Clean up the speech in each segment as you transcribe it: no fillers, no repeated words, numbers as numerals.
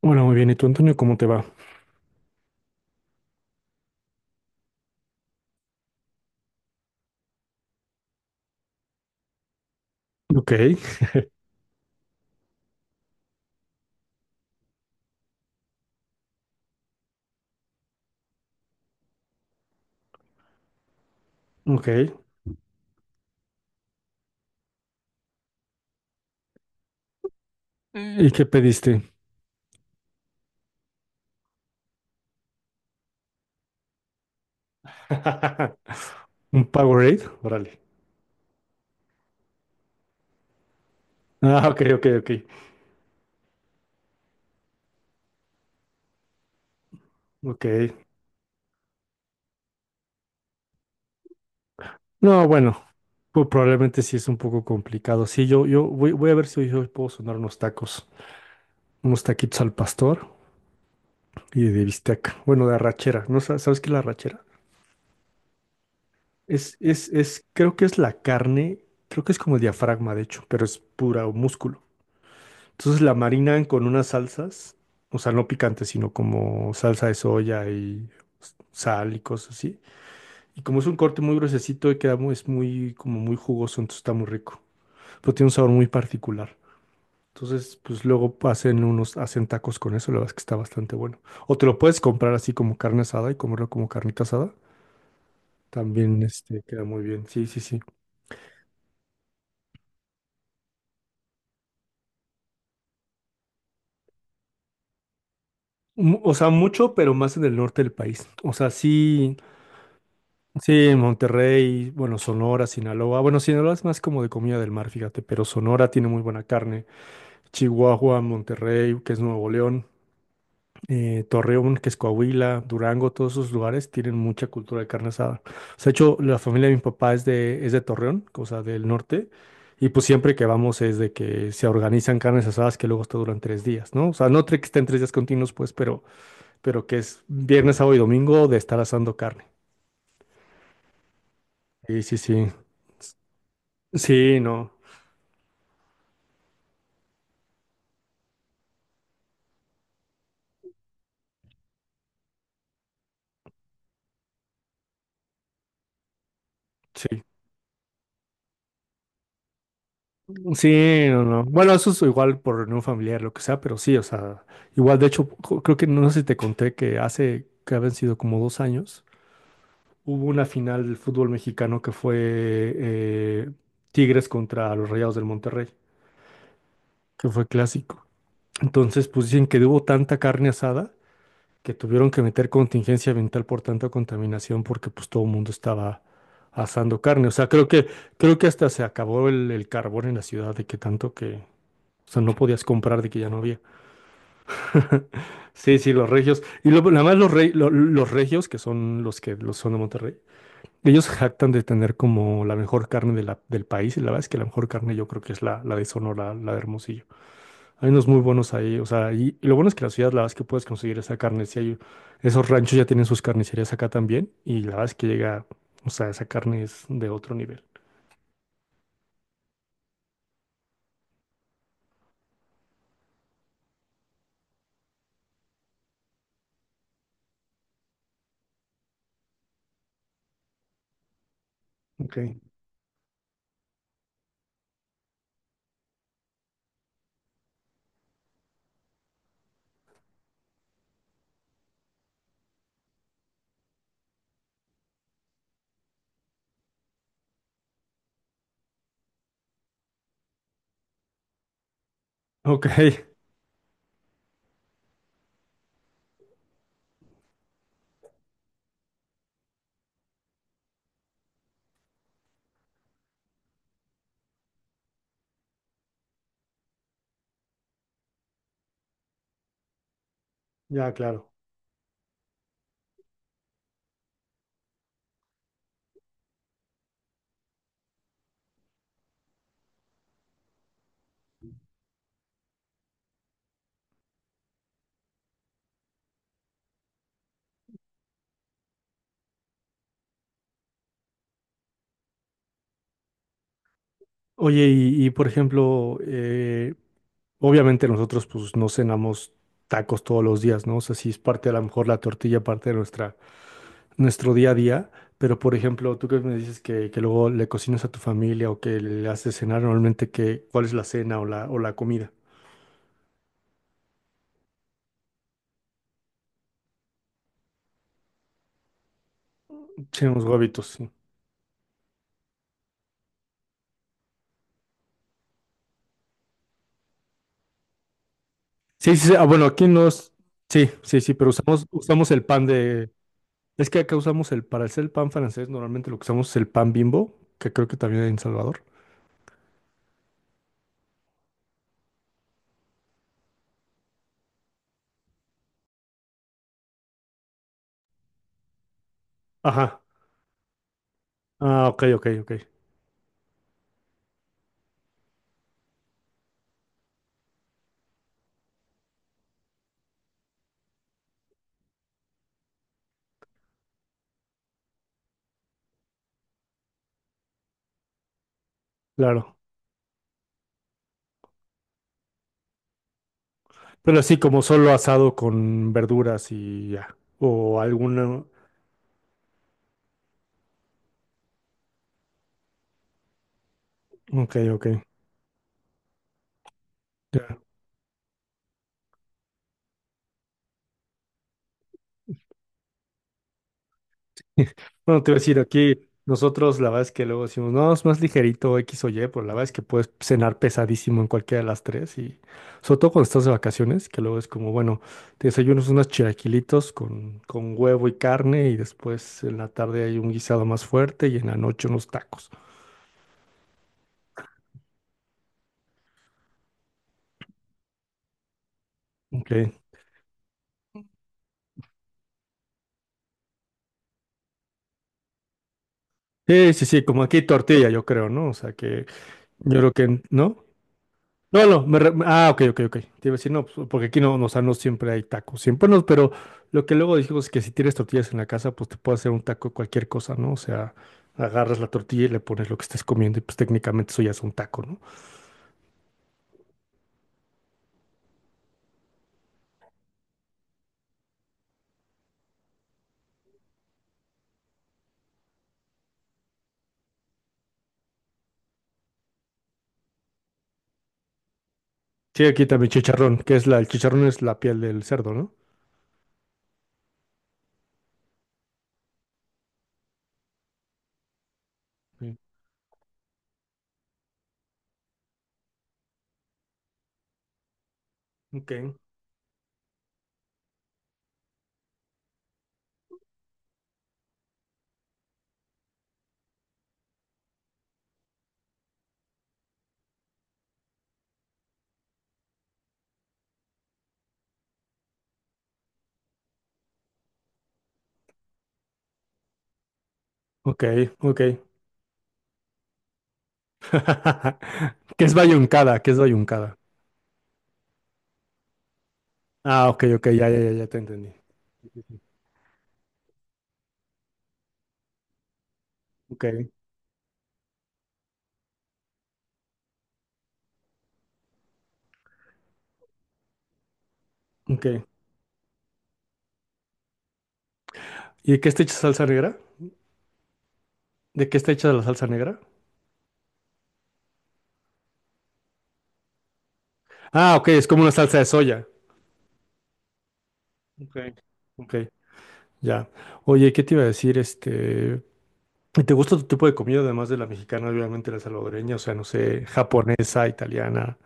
Hola, muy bien. ¿Y tú, Antonio, cómo te va? Ok, ok. ¿Y qué pediste? ¿Un Powerade? Órale. Ah, ok, ok, ok. Ok. No, bueno, pues probablemente sí es un poco complicado. Sí, yo voy a ver si hoy puedo sonar unos tacos, unos taquitos al pastor y de bistec. Bueno, de arrachera. ¿No sabes qué es la arrachera? Es, creo que es la carne, creo que es como el diafragma, de hecho, pero es pura músculo. Entonces la marinan con unas salsas, o sea, no picantes, sino como salsa de soya y sal y cosas así. Y como es un corte muy gruesecito y queda muy, es muy, como muy jugoso, entonces está muy rico. Pero tiene un sabor muy particular. Entonces, pues luego hacen unos, hacen tacos con eso, la verdad es que está bastante bueno. O te lo puedes comprar así como carne asada y comerlo como carnita asada. También este, queda muy bien. Sí, sí, sí. O sea, mucho, pero más en el norte del país. O sea, sí. Sí, en Monterrey, bueno, Sonora, Sinaloa. Bueno, Sinaloa es más como de comida del mar, fíjate, pero Sonora tiene muy buena carne. Chihuahua, Monterrey, que es Nuevo León, Torreón, que es Coahuila, Durango, todos esos lugares tienen mucha cultura de carne asada. O sea, de hecho, la familia de mi papá es de, Torreón, o sea, del norte, y pues siempre que vamos es de que se organizan carnes asadas que luego hasta duran 3 días, ¿no? O sea, no que estén 3 días continuos, pues, pero que es viernes, sábado y domingo de estar asando carne. Sí, sí, sí. Sí, no, sí, sí, no, no. Bueno, eso es igual por reunión familiar, lo que sea, pero sí, o sea, igual, de hecho, creo que no sé si te conté que hace, que habían sido como 2 años, hubo una final del fútbol mexicano que fue eh, Tigres contra los Rayados del Monterrey, que fue clásico. Entonces, pues dicen que hubo tanta carne asada que tuvieron que meter contingencia ambiental por tanta contaminación porque pues todo el mundo estaba asando carne. O sea, creo que hasta se acabó el carbón en la ciudad de que tanto que, o sea, no podías comprar de que ya no había. Sí, sí, los regios. Y nada más los regios, que son los que los son de Monterrey, ellos se jactan de tener como la mejor carne de del país. Y la verdad es que la mejor carne yo creo que es la de Sonora, la de Hermosillo. Hay unos muy buenos ahí, o sea, y lo bueno es que la ciudad, la verdad es que puedes conseguir esa carne, si hay, esos ranchos ya tienen sus carnicerías acá también, y la verdad es que llega, o sea, esa carne es de otro nivel. Ok, ok, ya, claro. Oye, por ejemplo, obviamente nosotros pues no cenamos tacos todos los días, ¿no? O sea, sí es parte a lo mejor la tortilla, parte de nuestro día a día, pero por ejemplo, tú que me dices que luego le cocinas a tu familia o que le haces cenar normalmente, que, ¿cuál es la cena o o la comida? Sí, unos huevitos, sí. Sí, sí, sí, ah, bueno, aquí no es... Sí, sí, sí, pero usamos el pan de... Es que acá usamos el... Para hacer el pan francés, normalmente lo que usamos es el pan Bimbo, que creo que también hay en Salvador. Ajá. Ah, ok, ok, ok. Claro. Pero así como solo asado con verduras y ya. O alguna... Ok, ok. Ya. Bueno, te voy a decir, aquí nosotros la verdad es que luego decimos, no, es más ligerito X o Y, pero la verdad es que puedes cenar pesadísimo en cualquiera de las tres y sobre todo cuando estás de vacaciones, que luego es como, bueno, te desayunas unos chilaquilitos con huevo y carne y después en la tarde hay un guisado más fuerte y en la noche unos tacos. Ok. Sí, sí, sí, como aquí tortilla, yo creo, ¿no? O sea que yo creo que, ¿no? No, no, ah, ok, ok, ok. Te iba a decir, no, pues, porque aquí no, no, o sea, no siempre hay tacos, siempre no, pero lo que luego dijimos es que si tienes tortillas en la casa, pues te puede hacer un taco de cualquier cosa, ¿no? O sea, agarras la tortilla y le pones lo que estés comiendo y pues técnicamente eso ya es un taco, ¿no? Sí, aquí también chicharrón, que es el chicharrón es la piel del cerdo, ¿no? Sí. Ok, ok, ok. ¿Qué es bayuncada? ¿Qué es bayuncada? Ah, ok, ok, ya, ya, ya, ya te entendí. Ok, ok. ¿Y de qué está hecha salsa negra? ¿De qué está hecha la salsa negra? Ah, ok, es como una salsa de soya. Okay. Ok, ya. Oye, ¿qué te iba a decir? Este, ¿y ¿te gusta tu tipo de comida además de la mexicana, obviamente la salvadoreña, o sea, no sé, japonesa, italiana?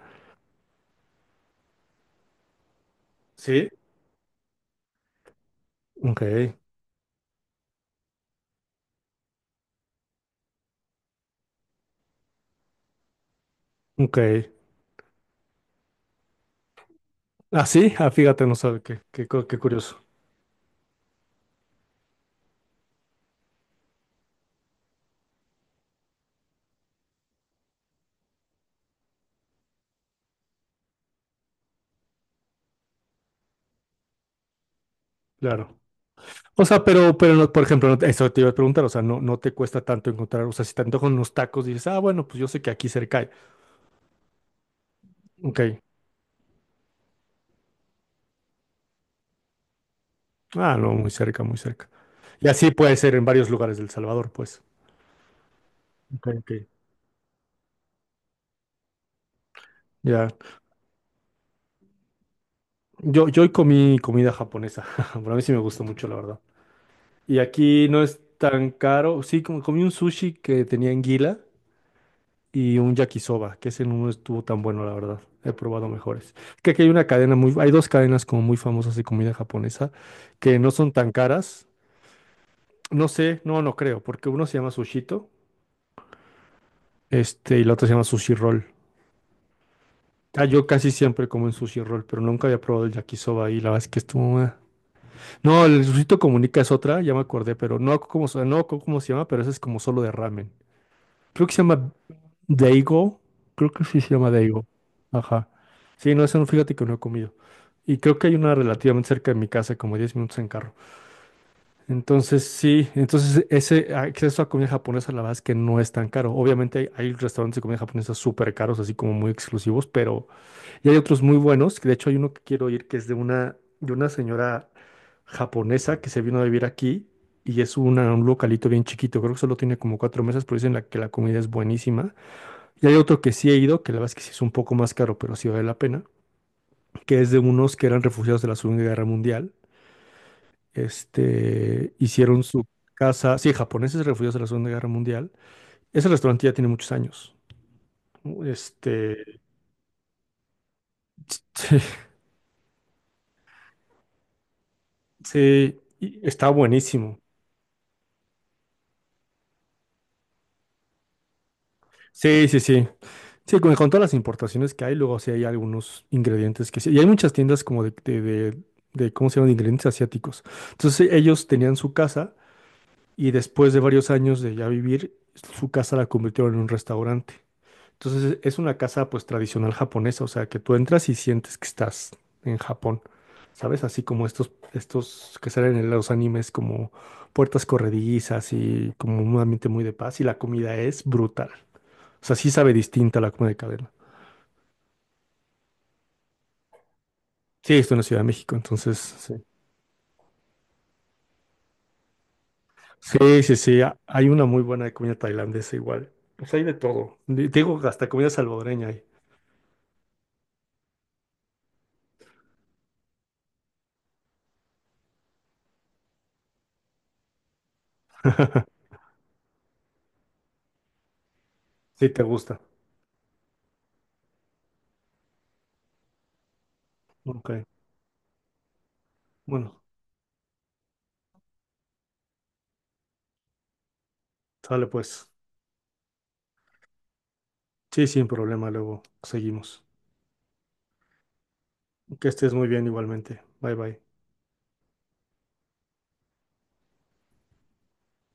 Sí. Ok, ok. Ah, sí, ah, fíjate, no sabe qué curioso. Claro. O sea, pero no, por ejemplo, no eso te iba a preguntar, o sea, no, no te cuesta tanto encontrar, o sea, si te antojan unos tacos, dices, ah, bueno, pues yo sé que aquí cerca hay. Ok. Ah, no, muy cerca, muy cerca. Y así puede ser en varios lugares del Salvador, pues. Ok, ok. Ya. Yo hoy comí comida japonesa, pero a mí sí me gusta mucho, la verdad. Y aquí no es tan caro, sí, como comí un sushi que tenía anguila y un yakisoba, que ese no estuvo tan bueno, la verdad. He probado mejores. Es que aquí hay hay dos cadenas como muy famosas de comida japonesa que no son tan caras. No sé, no, no creo, porque uno se llama Sushito, este, y la otra se llama Sushi Roll. Ah, yo casi siempre como en Sushi Roll, pero nunca había probado el yakisoba y la verdad es que estuvo. No, el Luisito Comunica es otra, ya me acordé, pero no, como, no cómo se llama, pero ese es como solo de ramen. Creo que se llama Daigo, creo que sí se llama Daigo. Ajá. Sí, no, eso no, fíjate que no he comido. Y creo que hay una relativamente cerca de mi casa, como 10 minutos en carro. Entonces, sí, entonces ese acceso a comida japonesa, la verdad es que no es tan caro. Obviamente hay restaurantes de comida japonesa súper caros, así como muy exclusivos, pero y hay otros muy buenos, que de hecho hay uno que quiero ir que es de una señora japonesa que se vino a vivir aquí y es un localito bien chiquito, creo que solo tiene como cuatro mesas, pero dicen que la comida es buenísima. Y hay otro que sí he ido, que la verdad es que sí es un poco más caro, pero sí vale la pena, que es de unos que eran refugiados de la Segunda Guerra Mundial. Este, hicieron su casa, sí, japoneses refugiados de la Segunda Guerra Mundial. Ese restaurante ya tiene muchos años. ¿No? Este, sí, sí, y está buenísimo. Sí, sí, sí. Sí, con todas las importaciones que hay, luego sí hay algunos ingredientes que sí. Y hay muchas tiendas como ¿cómo se llaman? De ingredientes asiáticos. Entonces ellos tenían su casa y después de varios años de ya vivir, su casa la convirtieron en un restaurante. Entonces es una casa pues tradicional japonesa, o sea que tú entras y sientes que estás en Japón. ¿Sabes? Así como estos que salen en los animes como puertas corredizas y como un ambiente muy de paz y la comida es brutal. O sea, sí sabe distinta la comida de cadena. Sí, estoy en la Ciudad de México, entonces sí. Sí, sí, sí, hay una muy buena de comida tailandesa igual. Pues hay de todo. Digo, hasta comida salvadoreña hay. Sí, te gusta. Ok. Bueno, sale pues. Sí, sin problema, luego seguimos. Que estés muy bien igualmente. Bye bye.